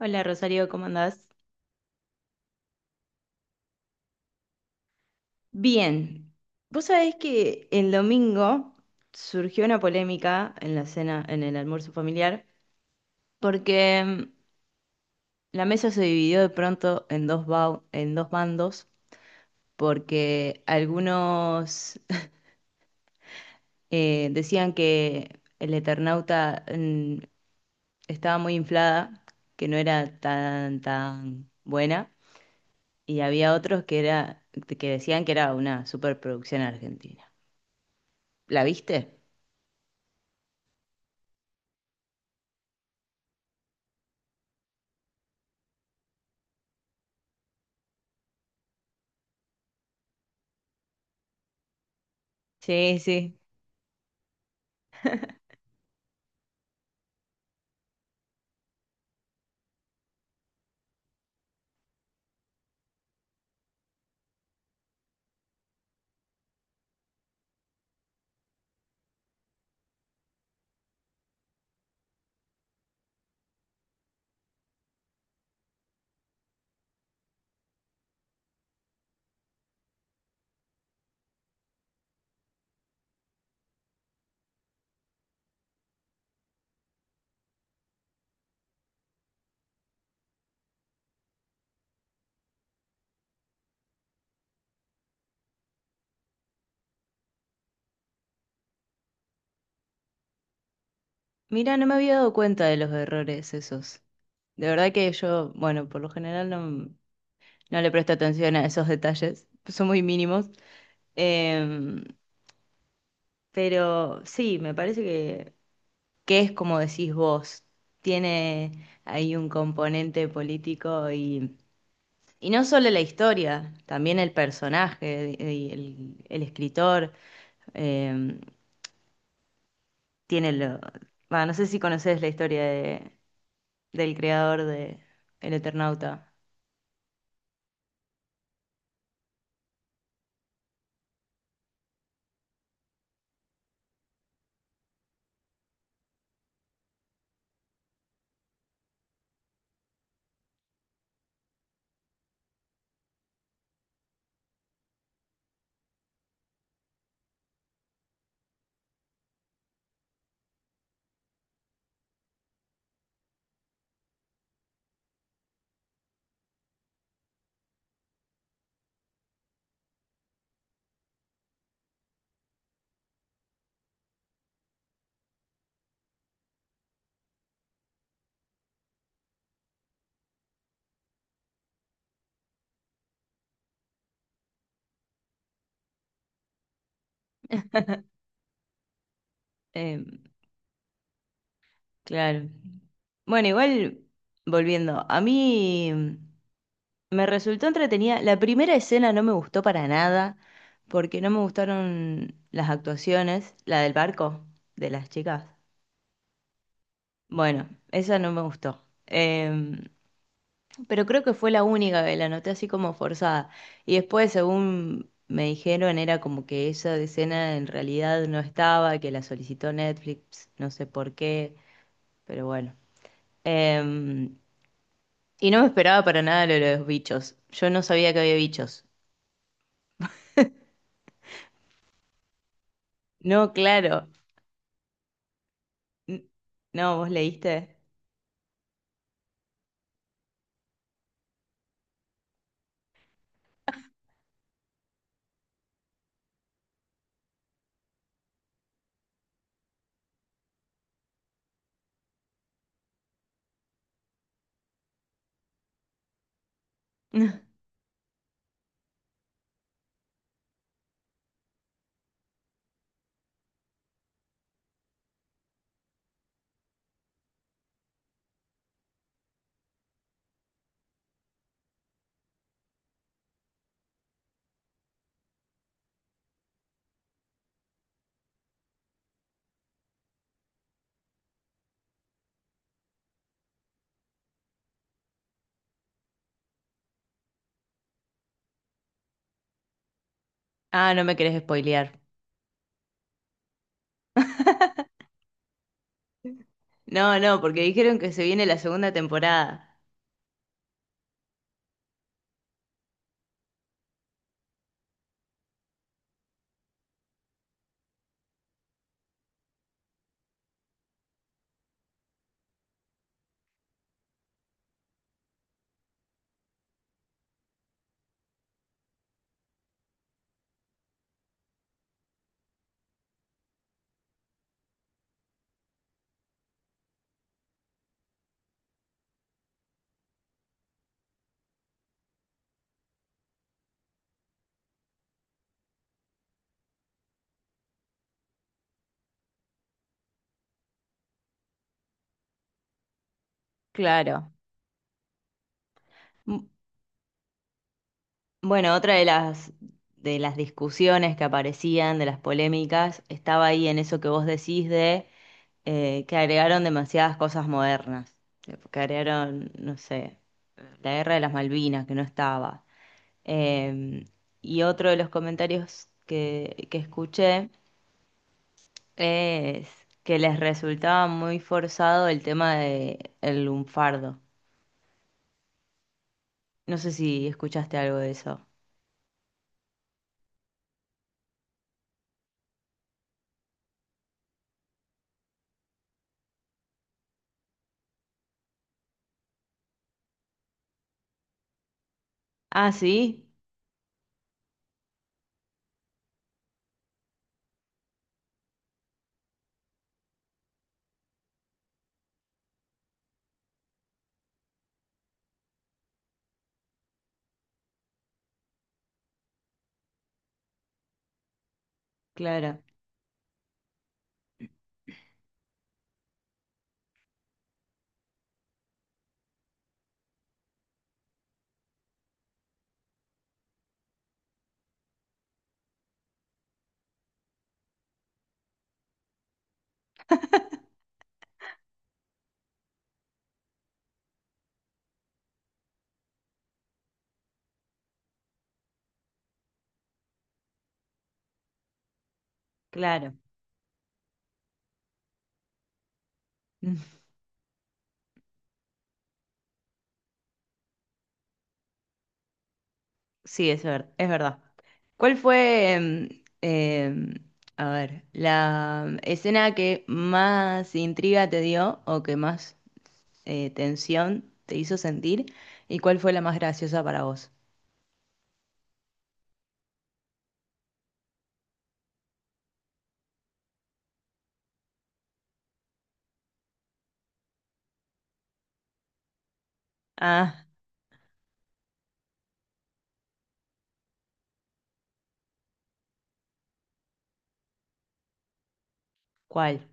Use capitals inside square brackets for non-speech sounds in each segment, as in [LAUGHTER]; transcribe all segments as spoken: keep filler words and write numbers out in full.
Hola Rosario, ¿cómo andás? Bien, vos sabés que el domingo surgió una polémica en la cena, en el almuerzo familiar, porque mm, la mesa se dividió de pronto en dos, bau- en dos bandos, porque algunos [LAUGHS] eh, decían que el Eternauta mm, estaba muy inflada, que no era tan, tan buena, y había otros que, era, que decían que era una superproducción argentina. ¿La viste? Sí, sí. Mira, no me había dado cuenta de los errores esos. De verdad que yo, bueno, por lo general no, no le presto atención a esos detalles, [LAUGHS] son muy mínimos. Em, pero sí, me parece que, que es como decís vos, tiene ahí un componente político y, y no solo la historia, también el personaje, y el, el escritor, em, tiene lo... Bueno, no sé si conoces la historia de, del creador de El Eternauta. Eh, claro. Bueno, igual, volviendo, a mí mm, me resultó entretenida. La primera escena no me gustó para nada, porque no me gustaron las actuaciones, la del barco, de las chicas. Bueno, esa no me gustó. Em, Pero creo que fue la única que la noté así como forzada. Y después, según me dijeron, era como que esa escena en realidad no estaba, que la solicitó Netflix, no sé por qué, pero bueno. Em, y no me esperaba para nada lo de los bichos. Yo no sabía que había bichos. No, claro. N- No, ¿vos leíste? [LAUGHS] Ah, no me querés spoilear. [LAUGHS] No, no, porque dijeron que se viene la segunda temporada. Claro. Bueno, otra de las, de las discusiones que aparecían, de las polémicas, estaba ahí en eso que vos decís de eh, que agregaron demasiadas cosas modernas, que agregaron, no sé, la guerra de las Malvinas, que no estaba. Eh, y otro de los comentarios que, que escuché es que les resultaba muy forzado el tema de el lunfardo. No sé si escuchaste algo de eso. Ah, sí, claro, claro. [LAUGHS] Sí, es ver- es verdad. ¿Cuál fue, em, em, a ver, la escena que más intriga te dio o que más eh, tensión te hizo sentir? ¿Y cuál fue la más graciosa para vos? Ah, ¿cuál?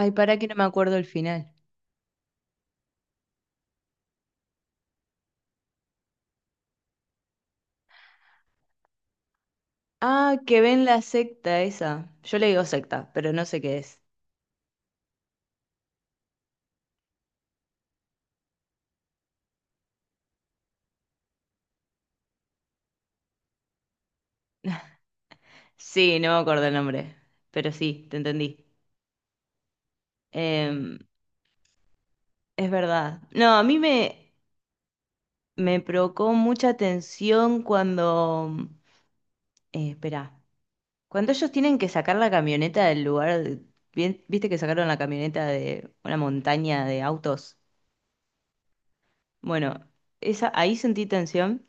Ay, para que no me acuerdo el final. Ah, que ven la secta esa. Yo le digo secta, pero no sé qué es. Sí, no me acuerdo el nombre, pero sí, te entendí. Em, es verdad. No, a mí me... Me provocó mucha tensión cuando... Eh, espera, cuando ellos tienen que sacar la camioneta del lugar, de- bien- viste que sacaron la camioneta de una montaña de autos. Bueno, esa, ahí sentí tensión,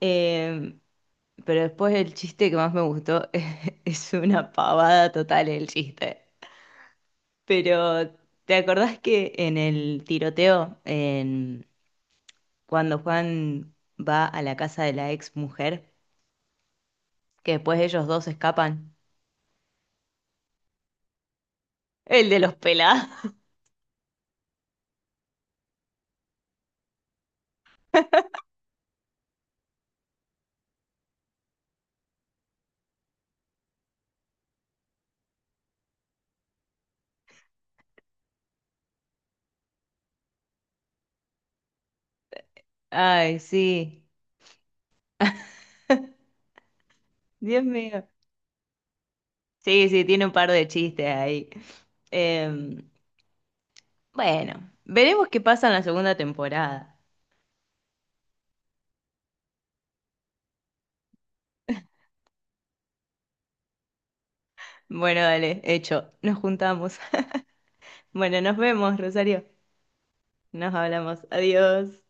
eh, pero después el chiste que más me gustó [LAUGHS] es una pavada total el chiste. Pero, ¿te acordás que en el tiroteo, en, cuando Juan va a la casa de la ex mujer, que después ellos dos escapan? El de los pelados. [LAUGHS] Ay, sí. Dios mío. Sí, sí, tiene un par de chistes ahí. Eh, bueno, veremos qué pasa en la segunda temporada. Bueno, dale, hecho. Nos juntamos. [LAUGHS] Bueno, nos vemos, Rosario. Nos hablamos. Adiós.